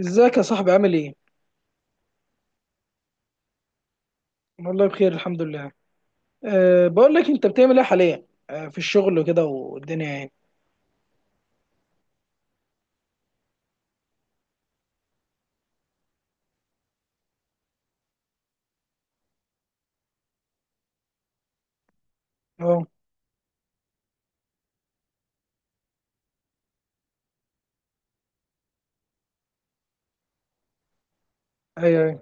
ازيك يا صاحبي، عامل ايه؟ والله بخير الحمد لله. بقول لك انت بتعمل ايه حاليا؟ في الشغل وكده والدنيا يعني. اه ايوه ايوه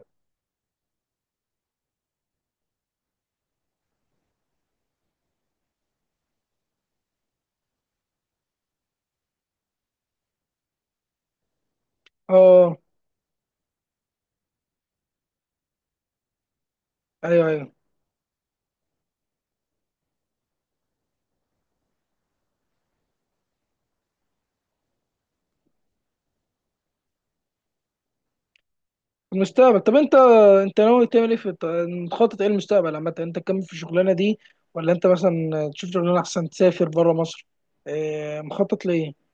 اه ايوه ايوه المستقبل. طب انت انت ناوي تعمل ايه مخطط ايه المستقبل عامة؟ انت تكمل في الشغلانة دي ولا انت مثلا تشوف شغلانة احسن تسافر بره مصر؟ أه مخطط ليه؟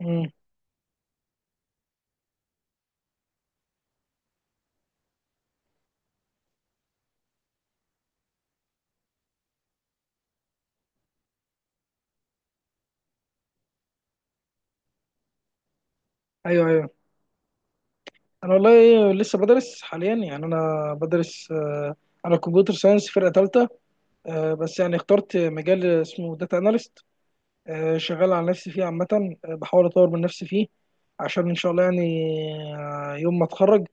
مم. ايوه ايوه. انا والله لسه بدرس حاليا، يعني انا بدرس على كمبيوتر ساينس فرقة تالتة. بس يعني اخترت مجال اسمه داتا اناليست، شغال على نفسي فيه عامة. بحاول أطور من نفسي فيه عشان إن شاء الله يعني، يوم ما أتخرج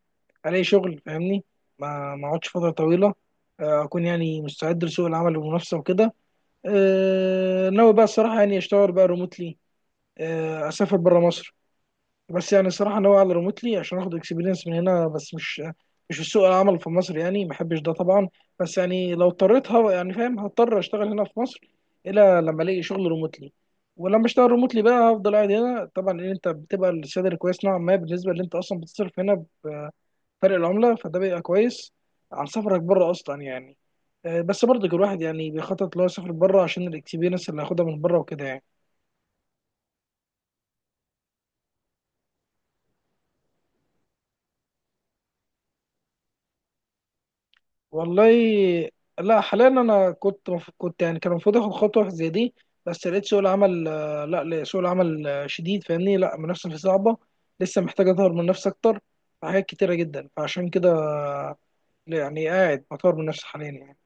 ألاقي شغل فاهمني، ما أقعدش فترة طويلة. أكون يعني مستعد لسوق العمل والمنافسة وكده. ناوي بقى الصراحة يعني أشتغل بقى ريموتلي، أسافر برا مصر. بس يعني الصراحه ناوي على ريموتلي عشان اخد اكسبيرينس من هنا، بس مش في سوق العمل في مصر، يعني ما بحبش ده طبعا. بس يعني لو اضطريت يعني فاهم هضطر اشتغل هنا في مصر، الا لما الاقي شغل ريموتلي. ولما اشتغل ريموتلي بقى هفضل قاعد هنا طبعا، ان انت بتبقى السالري كويس نوعا ما بالنسبه اللي انت اصلا بتصرف هنا بفرق العمله، فده بيبقى كويس عن سفرك بره اصلا يعني. بس برضه الواحد يعني بيخطط لو يسافر بره عشان الاكسبيرينس اللي هياخدها من بره وكده يعني. والله لا، حاليا انا كنت يعني كان المفروض اخد خطوه زي دي، بس لقيت سوق العمل لا لا، سوق العمل شديد، فاهمني، لا المنافسه فيه صعبه، لسه محتاج اطور من نفسي اكتر في حاجات كتيره جدا، فعشان كده يعني قاعد بطور من نفسي حاليا يعني.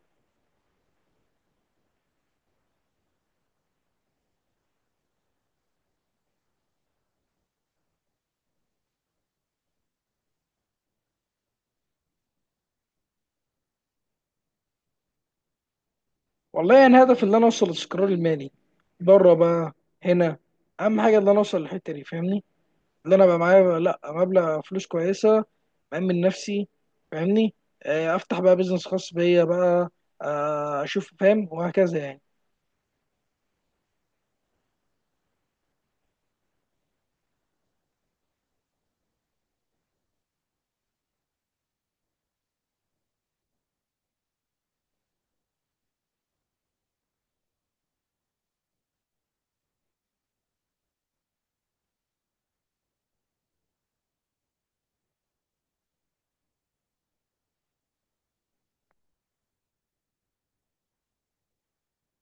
والله يعني هدف ان انا اوصل للاستقرار المالي، بره بقى هنا، اهم حاجه ان انا اوصل للحته دي فاهمني، ان انا بقى معايا لا مبلغ فلوس كويسه، مأمن نفسي فاهمني. افتح بقى بيزنس خاص بيا بقى، اشوف فاهم، وهكذا يعني.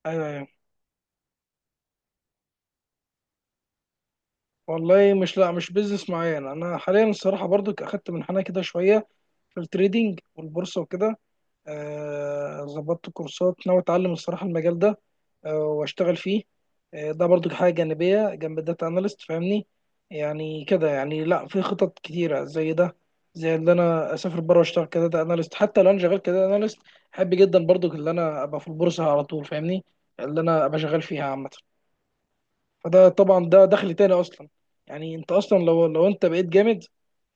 ايوه ايوه. والله مش، لا مش بيزنس معين، انا حاليا الصراحه برضو اخدت منحنى كده شويه في التريدينج والبورصه وكده. ظبطت كورسات ناوي اتعلم الصراحه المجال ده، واشتغل فيه. ده برضو حاجه جانبيه جنب الداتا اناليست فاهمني، يعني كده، يعني لا في خطط كتيره زي ده، زي اللي انا اسافر بره واشتغل كداتا اناليست. حتى لو انا شغال كداتا اناليست، احب جدا برضو اللي انا ابقى في البورصه على طول فاهمني، اللي انا ابقى شغال فيها عامه. فده طبعا ده دخل تاني اصلا، يعني انت اصلا لو انت بقيت جامد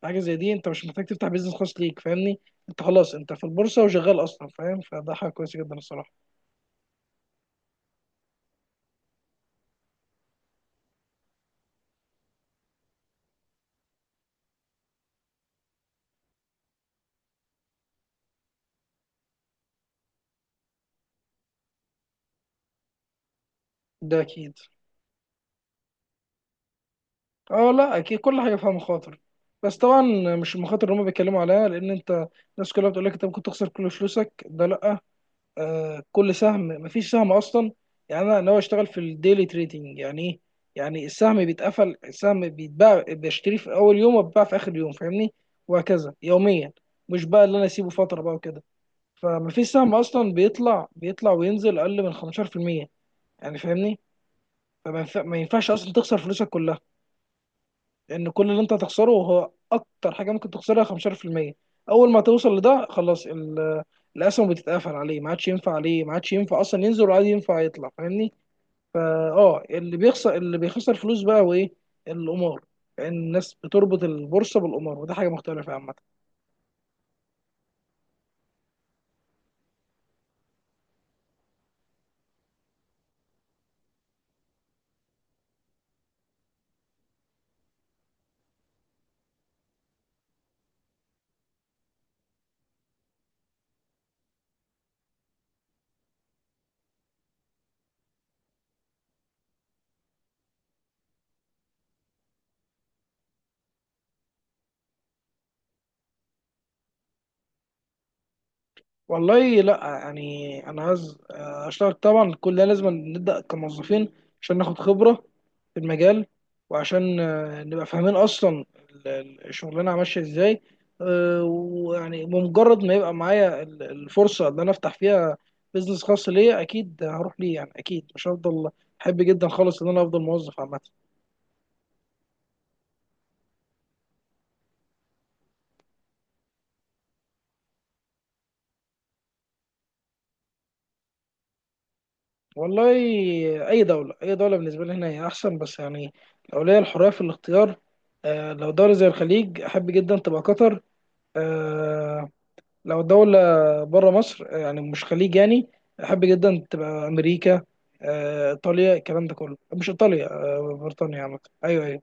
في حاجه زي دي انت مش محتاج تفتح بيزنس خاص ليك فاهمني، انت خلاص انت في البورصه وشغال اصلا فاهم، فده حاجه كويسه جدا الصراحه. ده اكيد. اه لا اكيد كل حاجه فيها مخاطر، بس طبعا مش المخاطر اللي هم بيتكلموا عليها، لان انت الناس كلها بتقول لك انت ممكن تخسر كل فلوسك، ده لا. آه كل سهم، مفيش سهم اصلا، يعني انا ناوي اشتغل في الديلي تريدنج يعني ايه، يعني السهم بيتقفل، السهم بيتباع، بشتريه في اول يوم وبيتباع في اخر يوم فاهمني، وهكذا يوميا، مش بقى اللي انا اسيبه فتره بقى وكده. فمفيش سهم اصلا بيطلع وينزل اقل من 15%، يعني فاهمني. ما ينفعش اصلا تخسر فلوسك كلها، لان كل اللي انت هتخسره هو اكتر حاجه ممكن تخسرها 15%. اول ما توصل لده خلاص الاسهم بتتقفل عليه، ما عادش ينفع عليه، ما عادش ينفع اصلا ينزل ولا عاد ينفع يطلع فاهمني. فا اه، اللي بيخسر، اللي بيخسر فلوس بقى هو ايه؟ القمار، لان الناس بتربط البورصه بالقمار وده حاجه مختلفه عامه. والله لا يعني انا عايز، اشتغل طبعا، كل ده لازم نبدا كموظفين عشان ناخد خبره في المجال، وعشان نبقى فاهمين اصلا الشغلانه ماشيه ازاي. ويعني بمجرد ما يبقى معايا الفرصه اللي انا افتح فيها بيزنس خاص ليا اكيد هروح ليه، يعني اكيد مش هفضل. احب جدا خالص ان انا افضل موظف عامه. والله اي دوله، اي دوله بالنسبه لي هنا هي احسن، بس يعني لو ليا الحريه في الاختيار، آه لو دوله زي الخليج احب جدا تبقى قطر. آه لو دوله بره مصر يعني مش خليج يعني، احب جدا تبقى امريكا، آه ايطاليا، الكلام ده كله، مش ايطاليا، آه بريطانيا عامه. ايوه ايوه.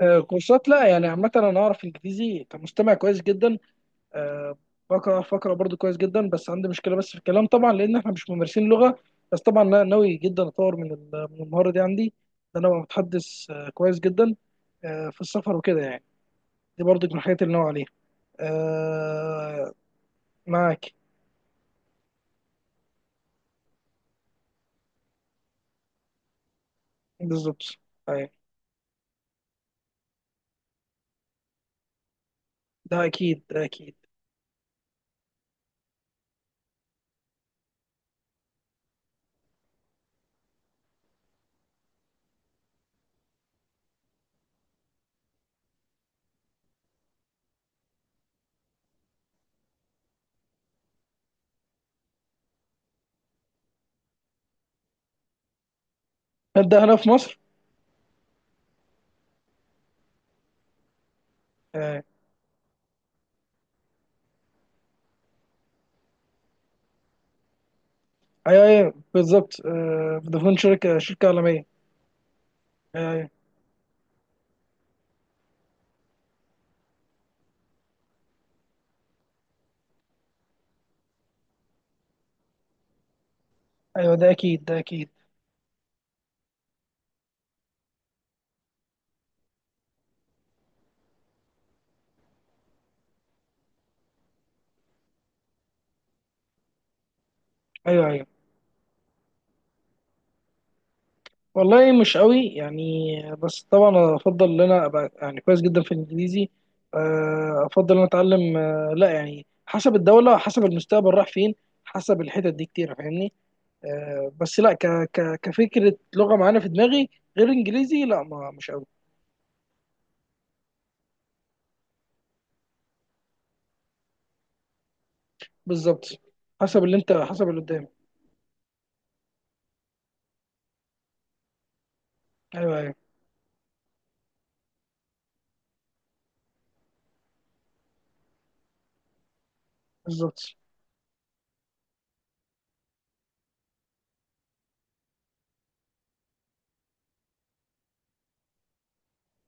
آه كورسات، لا يعني عامه انا اعرف انجليزي كمستمع كويس جدا، آه، بقرا فقرة برضو كويس جدا، بس عندي مشكلة بس في الكلام طبعا، لأن احنا مش ممارسين لغة. بس طبعا أنا ناوي جدا أطور من من المهارة دي عندي، إن أنا أبقى متحدث كويس جدا في السفر وكده يعني. دي برضو من الحاجات اللي ناوي عليها. آه، معاك. بالظبط. أيوة ده أكيد، ده أكيد. هبدأ هنا في مصر. آه، أيوة أيوة بالظبط، فودافون شركة عالمية. أيوة أيوة ده أكيد، ده أكيد. أيوة أيوة. والله مش قوي يعني، بس طبعا افضل ان انا ابقى يعني كويس جدا في الانجليزي، افضل ان أنا اتعلم، لا يعني حسب الدوله، حسب المستقبل راح فين، حسب الحتت دي كتير فاهمني. بس لا ك ك كفكره لغه معانا في دماغي غير انجليزي، لا ما مش قوي. بالظبط، حسب اللي انت، حسب اللي قدام. ايوه ايوه بالظبط.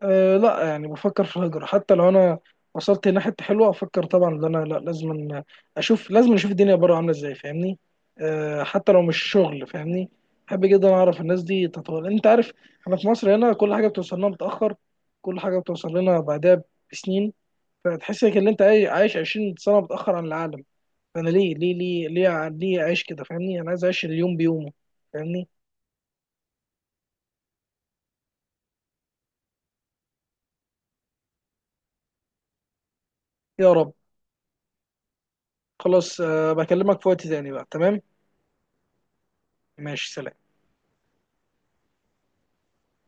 أه لا، يعني بفكر في الهجرة. حتى لو انا وصلت لحتة حلوة افكر طبعا ان انا، لا لازم اشوف، لازم اشوف الدنيا بره عاملة ازاي فاهمني، أه حتى لو مش شغل فاهمني، بحب جدا اعرف الناس دي تطول، انت عارف احنا في مصر هنا كل حاجة بتوصل لنا متأخر، كل حاجة بتوصل لنا بعدها بسنين، فتحس انك ان انت عايش 20 سنة متأخر عن العالم. فانا ليه ليه ليه ليه ليه اعيش كده فاهمني، انا عايز اعيش اليوم بيومه فاهمني. يا رب. خلاص أه بكلمك في وقت تاني بقى، تمام. ماشي، سلام.